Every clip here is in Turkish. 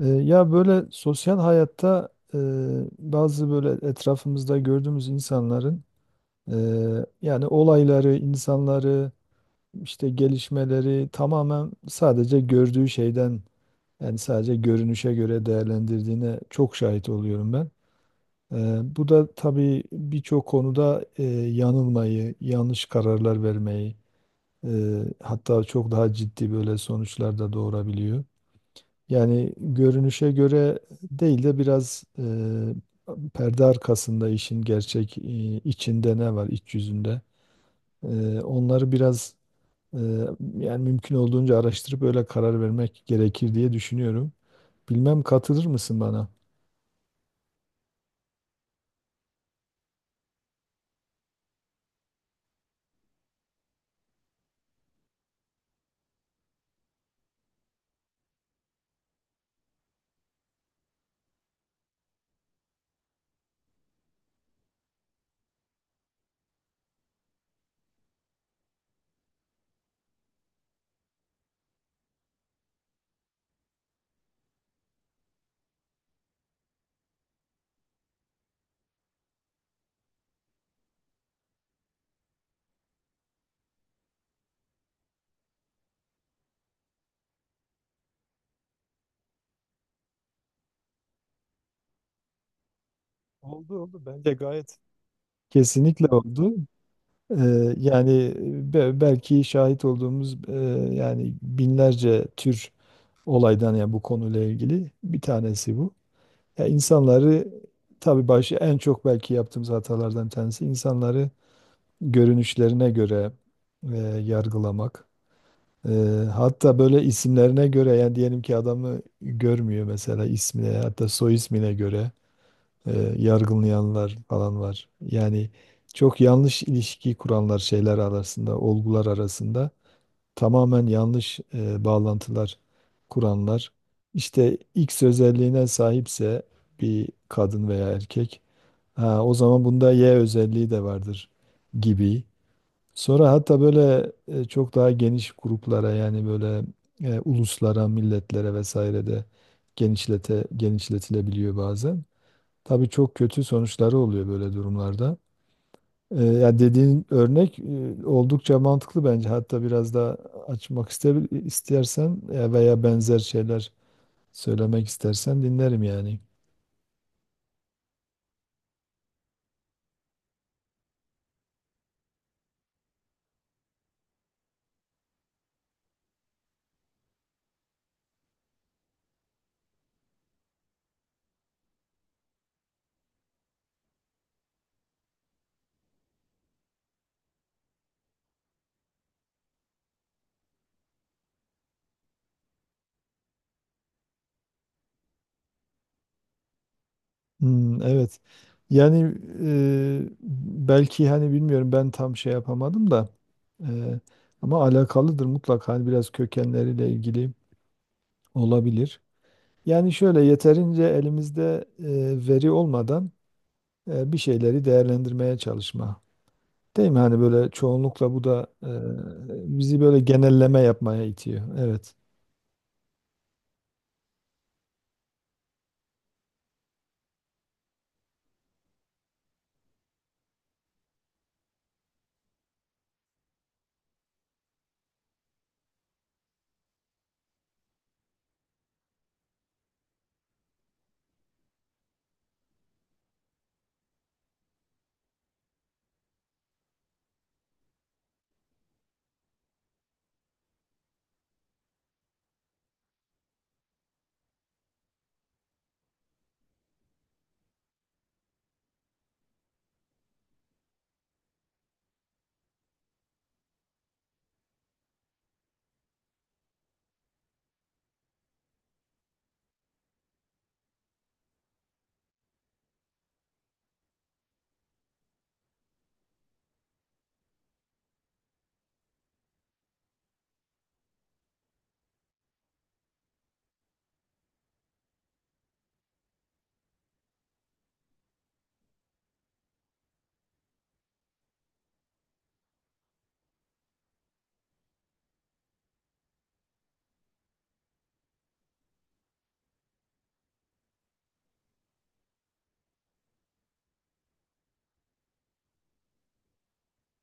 Ya böyle sosyal hayatta bazı böyle etrafımızda gördüğümüz insanların e, yani olayları, insanları, işte gelişmeleri tamamen sadece gördüğü şeyden yani sadece görünüşe göre değerlendirdiğine çok şahit oluyorum ben. Bu da tabii birçok konuda yanılmayı, yanlış kararlar vermeyi e, hatta çok daha ciddi böyle sonuçlar da doğurabiliyor. Yani görünüşe göre değil de biraz perde arkasında işin gerçek içinde ne var iç yüzünde. Onları biraz e, yani mümkün olduğunca araştırıp öyle karar vermek gerekir diye düşünüyorum. Bilmem katılır mısın bana? Oldu oldu. Bence gayet. Kesinlikle oldu. E, Yani belki şahit olduğumuz yani binlerce tür olaydan ya bu konuyla ilgili bir tanesi bu. Ya insanları tabii başı en çok belki yaptığımız hatalardan tanesi insanları görünüşlerine göre yargılamak. E, Hatta böyle isimlerine göre yani diyelim ki adamı görmüyor mesela ismine hatta soy ismine göre e, yargılayanlar falan var. Yani çok yanlış ilişki kuranlar şeyler arasında, olgular arasında tamamen yanlış bağlantılar kuranlar işte X özelliğine sahipse bir kadın veya erkek ha, o zaman bunda Y özelliği de vardır gibi. Sonra hatta böyle çok daha geniş gruplara yani böyle uluslara, milletlere vesaire de genişletilebiliyor bazen. Tabii çok kötü sonuçları oluyor böyle durumlarda. Ya dediğin örnek oldukça mantıklı bence. Hatta biraz daha açmak istersen veya benzer şeyler söylemek istersen dinlerim yani. Hmm, evet. Yani e, belki hani bilmiyorum ben tam şey yapamadım da e, ama alakalıdır mutlak hani biraz kökenleriyle ilgili olabilir. Yani şöyle yeterince elimizde veri olmadan bir şeyleri değerlendirmeye çalışma. Değil mi? Hani böyle çoğunlukla bu da bizi böyle genelleme yapmaya itiyor. Evet.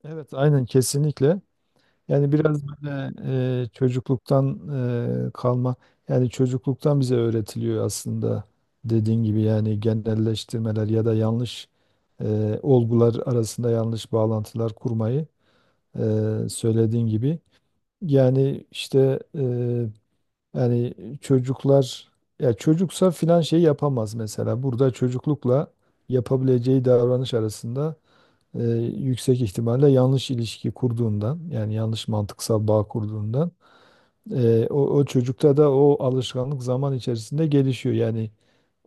Evet, aynen kesinlikle. Yani biraz böyle çocukluktan kalma, yani çocukluktan bize öğretiliyor aslında dediğin gibi yani genelleştirmeler ya da yanlış olgular arasında yanlış bağlantılar kurmayı söylediğin gibi. Yani işte. Yani çocuklar ya çocuksa filan şey yapamaz mesela. Burada çocuklukla yapabileceği davranış arasında e, yüksek ihtimalle yanlış ilişki kurduğundan yani yanlış mantıksal bağ kurduğundan o çocukta da o alışkanlık zaman içerisinde gelişiyor. Yani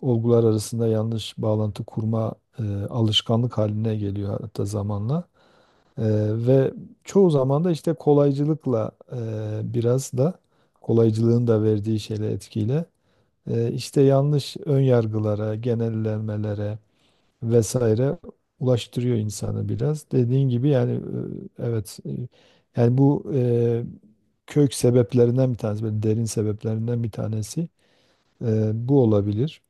olgular arasında yanlış bağlantı kurma alışkanlık haline geliyor hatta zamanla. Eee, Ve çoğu zaman da işte kolaycılıkla biraz da kolaycılığın da verdiği etkiyle işte yanlış ön yargılara, genellemelere vesaire ulaştırıyor insanı biraz. Dediğin gibi yani evet yani bu kök sebeplerinden bir tanesi, böyle derin sebeplerinden bir tanesi bu olabilir.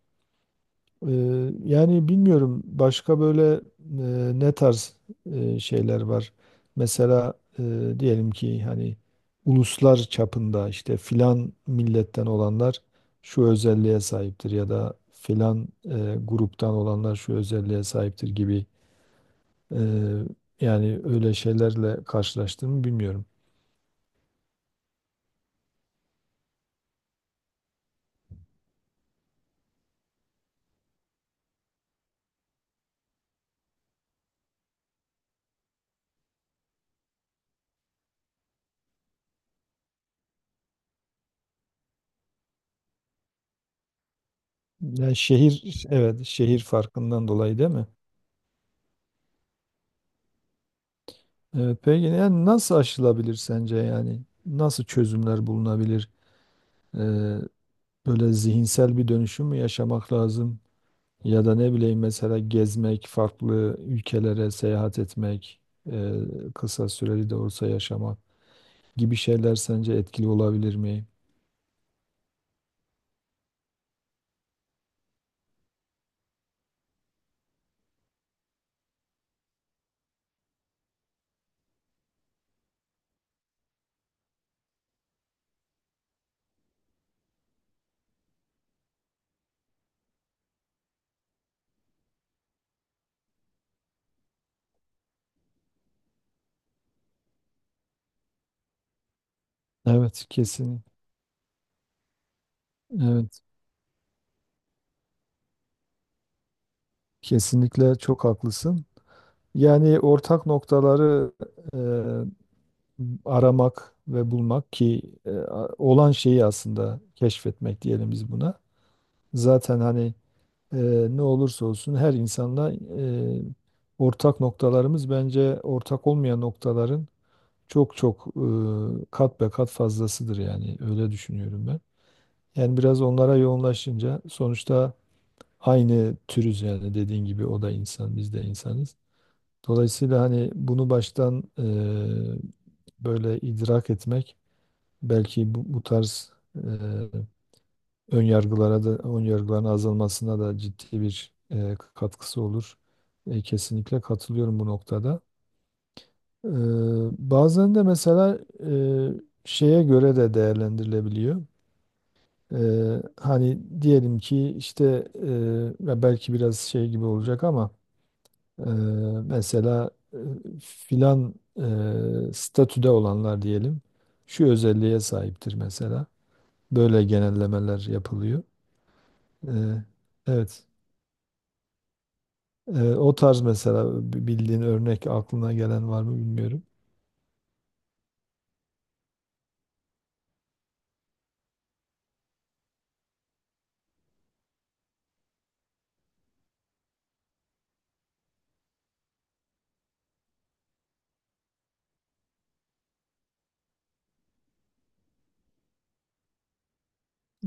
Yani bilmiyorum başka böyle ne tarz şeyler var. Mesela diyelim ki hani uluslar çapında işte filan milletten olanlar şu özelliğe sahiptir ya da filan gruptan olanlar şu özelliğe sahiptir gibi eee, yani öyle şeylerle karşılaştım bilmiyorum. Yani şehir evet şehir farkından dolayı değil mi? Evet, peki yani nasıl aşılabilir sence yani? Nasıl çözümler bulunabilir? Ee, Böyle zihinsel bir dönüşüm mü yaşamak lazım? Ya da ne bileyim mesela gezmek, farklı ülkelere seyahat etmek, e, kısa süreli de olsa yaşamak gibi şeyler sence etkili olabilir mi? Evet, kesin. Evet, kesinlikle çok haklısın. Yani ortak noktaları e, aramak ve bulmak ki olan şeyi aslında keşfetmek diyelim biz buna. Zaten hani e, ne olursa olsun her insanla ortak noktalarımız bence ortak olmayan noktaların çok çok kat be kat fazlasıdır yani öyle düşünüyorum ben. Yani biraz onlara yoğunlaşınca sonuçta aynı türüz yani dediğin gibi o da insan biz de insanız. Dolayısıyla hani bunu baştan böyle idrak etmek belki bu tarz ön yargılara da ön yargıların azalmasına da ciddi bir katkısı olur. Kesinlikle katılıyorum bu noktada. E, Bazen de mesela şeye göre de değerlendirilebiliyor. E, Hani diyelim ki işte e, ya belki biraz şey gibi olacak ama e, mesela filan statüde olanlar diyelim şu özelliğe sahiptir mesela. Böyle genellemeler yapılıyor. E, evet. O tarz mesela bildiğin örnek aklına gelen var mı bilmiyorum.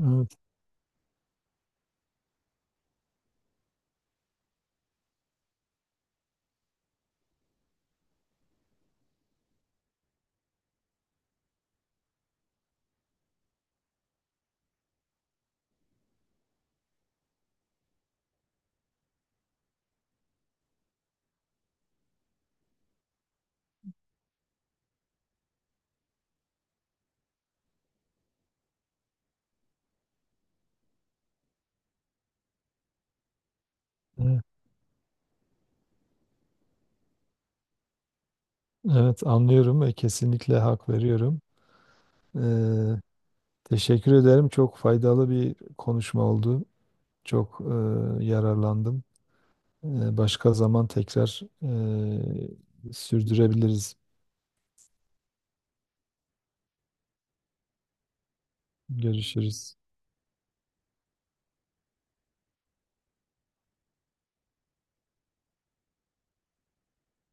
Evet, evet, evet, anlıyorum ve kesinlikle hak veriyorum. Ee, Teşekkür ederim. Çok faydalı bir konuşma oldu. Çok yararlandım. Başka zaman tekrar sürdürebiliriz. Görüşürüz.